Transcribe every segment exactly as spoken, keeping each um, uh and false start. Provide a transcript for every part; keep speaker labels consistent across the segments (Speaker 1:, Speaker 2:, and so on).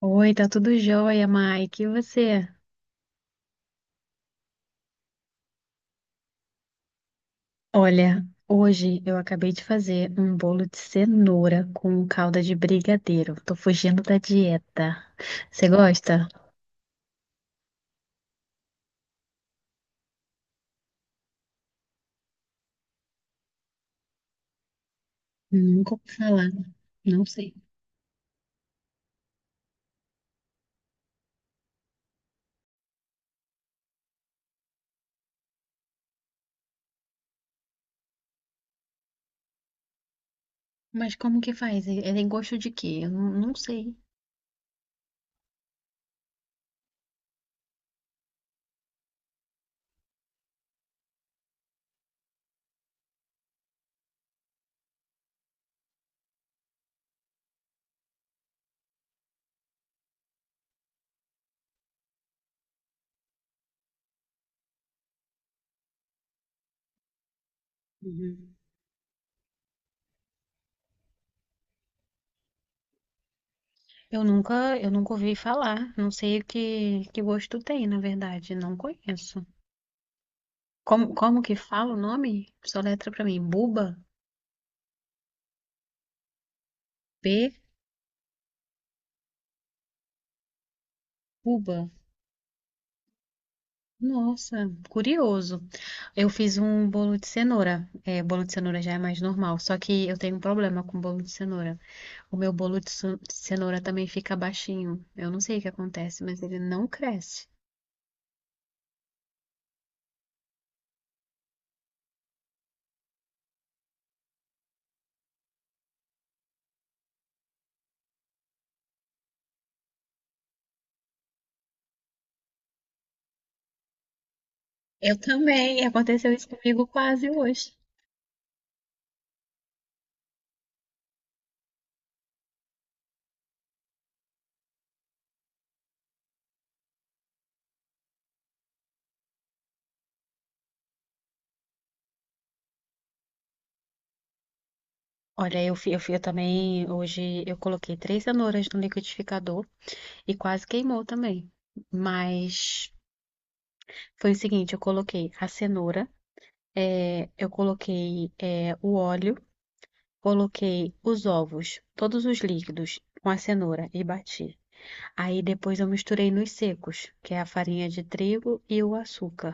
Speaker 1: Oi, tá tudo jóia, Mike. E você? Olha, hoje eu acabei de fazer um bolo de cenoura com calda de brigadeiro. Tô fugindo da dieta. Você gosta? Nunca ouvi falar. Não sei. Mas como que faz? Ele ele tem gosto de quê? Eu não, não sei. Uhum. Eu nunca, eu nunca ouvi falar. Não sei o que, que gosto tem, na verdade. Não conheço. Como, como que fala o nome? Soletra pra mim. Buba? B? Buba. Nossa, curioso. Eu fiz um bolo de cenoura. É, bolo de cenoura já é mais normal, só que eu tenho um problema com bolo de cenoura. O meu bolo de ce- de cenoura também fica baixinho. Eu não sei o que acontece, mas ele não cresce. Eu também, aconteceu isso comigo quase hoje. Olha, eu, fi- eu, fi- eu também, hoje eu coloquei três cenouras no liquidificador e quase queimou também. Mas foi o seguinte, eu coloquei a cenoura, eh, eu coloquei eh, o óleo, coloquei os ovos, todos os líquidos, com a cenoura e bati. Aí depois eu misturei nos secos, que é a farinha de trigo e o açúcar.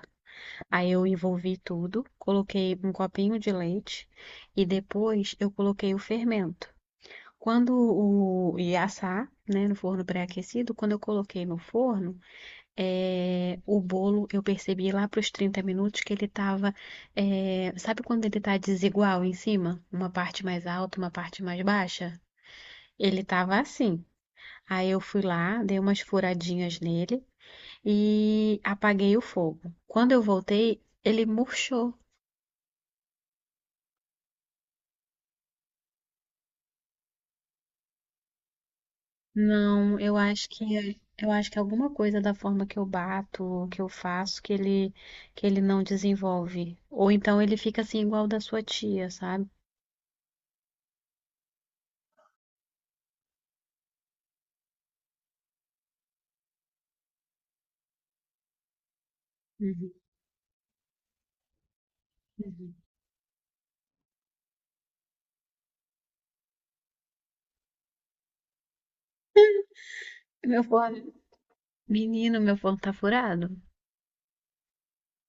Speaker 1: Aí eu envolvi tudo, coloquei um copinho de leite e depois eu coloquei o fermento. Quando o ia assar, né, no forno pré-aquecido, quando eu coloquei no forno, é, o bolo, eu percebi lá para os trinta minutos que ele estava. Sabe quando ele tá desigual em cima? Uma parte mais alta, uma parte mais baixa? Ele tava assim. Aí eu fui lá, dei umas furadinhas nele e apaguei o fogo. Quando eu voltei, ele murchou. Não, eu acho que. Eu acho que alguma coisa da forma que eu bato, que eu faço, que ele, que ele não desenvolve. Ou então ele fica assim igual o da sua tia, sabe? Uhum, uhum. Meu forno, menino, meu forno tá furado.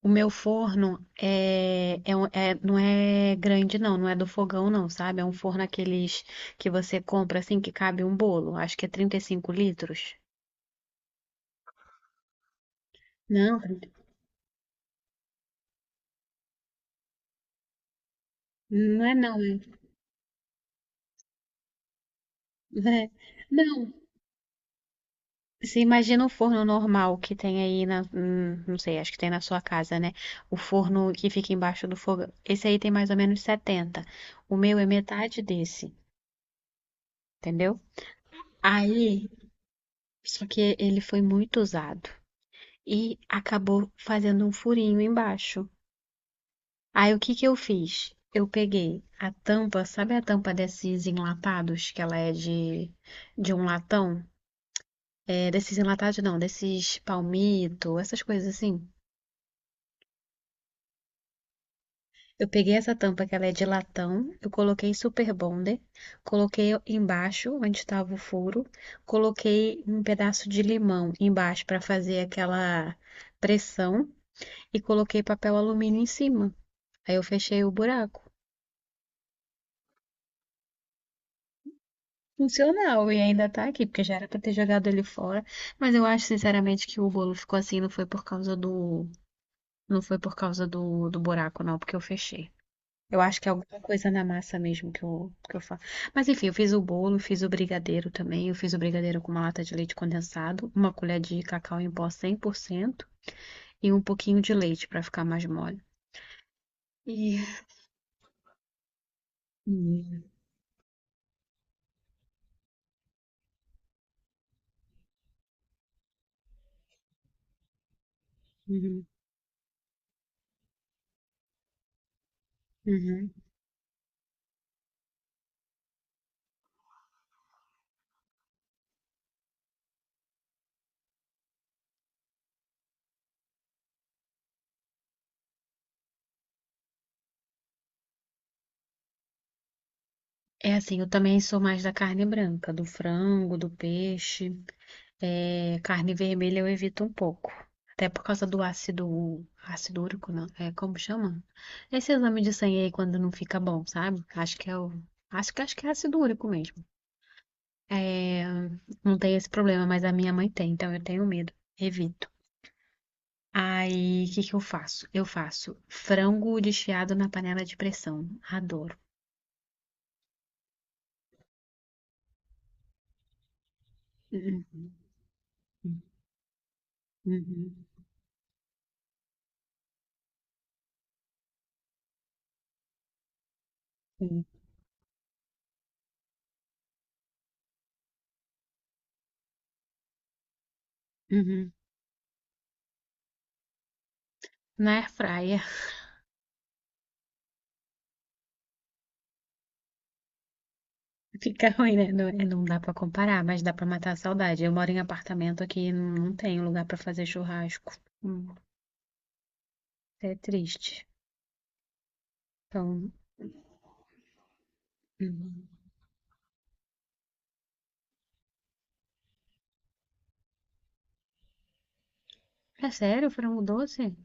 Speaker 1: O meu forno é, é, um- é- não é grande, não, não é do fogão, não, sabe? É um forno aqueles que você compra assim que cabe um bolo. Acho que é trinta e cinco litros. Não, trinta não é não. É, é- não, você imagina o forno normal que tem aí na, hum, não sei, acho que tem na sua casa, né? O forno que fica embaixo do fogão. Esse aí tem mais ou menos setenta. O meu é metade desse, entendeu? Aí só que ele foi muito usado e acabou fazendo um furinho embaixo. Aí o que que eu fiz? Eu peguei a tampa, sabe a tampa desses enlatados, que ela é de, de um latão? É, desses enlatados não, desses palmito, essas coisas assim. Eu peguei essa tampa que ela é de latão, eu coloquei super bonder, coloquei embaixo onde estava o furo, coloquei um pedaço de limão embaixo para fazer aquela pressão e coloquei papel alumínio em cima. Aí eu fechei o buraco. Funcional, e ainda tá aqui, porque já era pra ter jogado ele fora. Mas eu acho, sinceramente, que o bolo ficou assim, não foi por causa do. Não foi por causa do, do buraco, não, porque eu fechei. Eu acho que é alguma coisa na massa mesmo que eu, que eu faço. Mas enfim, eu fiz o bolo, fiz o brigadeiro também. Eu fiz o brigadeiro com uma lata de leite condensado, uma colher de cacau em pó cem por cento e um pouquinho de leite pra ficar mais mole. E. Uhum. Uhum. É assim, eu também sou mais da carne branca, do frango, do peixe. É, carne vermelha eu evito um pouco. Até por causa do ácido, ácido úrico, não, é como chama? Esse exame de sangue aí quando não fica bom, sabe? Acho que é o, acho que acho que é ácido úrico mesmo. É, não tem esse problema, mas a minha mãe tem, então eu tenho medo, evito. Aí, o que que eu faço? Eu faço frango desfiado na panela de pressão. Adoro. Uhum, uhum, uhum. Uhum. Na air fryer fica ruim, né? Não, é, não dá pra comparar, mas dá pra matar a saudade. Eu moro em apartamento aqui, não não tenho lugar pra fazer churrasco. Hum, é triste. Então, hum, é sério, frango doce?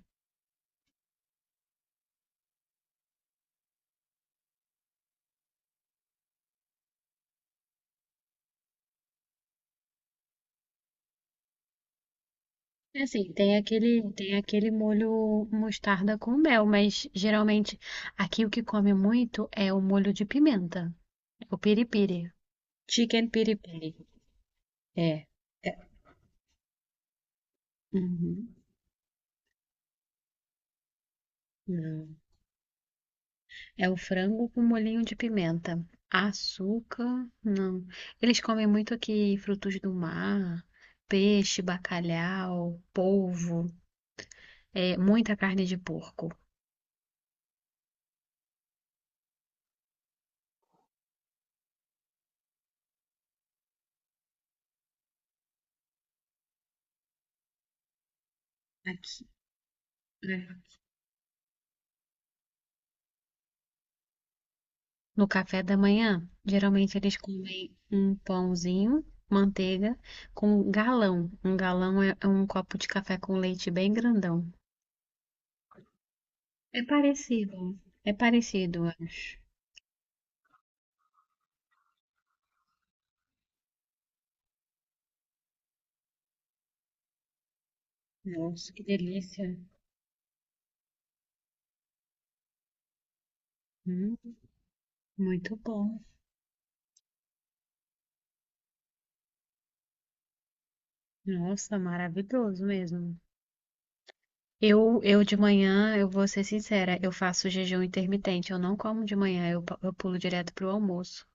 Speaker 1: É assim, tem aquele, tem aquele molho mostarda com mel, mas geralmente aqui o que come muito é o molho de pimenta, o piripiri. Chicken piripiri. É. Uhum. É o frango com molhinho de pimenta. Açúcar, não. Eles comem muito aqui frutos do mar, peixe, bacalhau, polvo, é, muita carne de porco. Aqui, né? No café da manhã, geralmente eles comem um pãozinho, manteiga, com galão. Um galão é é um copo de café com leite bem grandão. É parecido, é parecido, eu acho. Nossa, que delícia. Hum, muito bom. Nossa, maravilhoso mesmo. Eu, eu de manhã, eu vou ser sincera, eu faço jejum intermitente, eu não como de manhã, eu, pa- eu pulo direto pro almoço.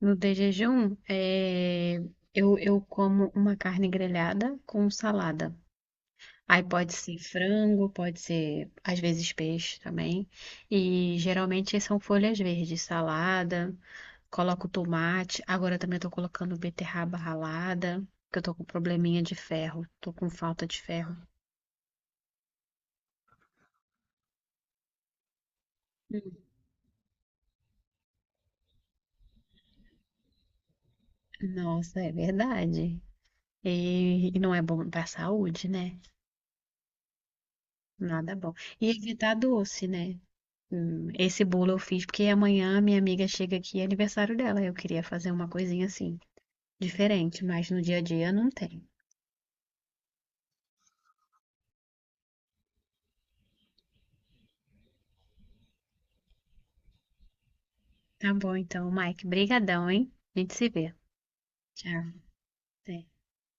Speaker 1: No de jejum, é, eu, eu como uma carne grelhada com salada. Aí pode ser frango, pode ser às vezes peixe também. E geralmente são folhas verdes, salada, coloco tomate. Agora também tô colocando beterraba ralada, porque eu tô com probleminha de ferro, tô com falta de ferro. Nossa, é verdade. E, e não é bom para a saúde, né? Nada bom. E evitar doce, né? Hum, esse bolo eu fiz porque amanhã minha amiga chega aqui, é aniversário dela. Eu queria fazer uma coisinha assim, diferente, mas no dia a dia não tem. Tá bom, então, Mike, brigadão, hein? A gente se vê. Tchau. Até.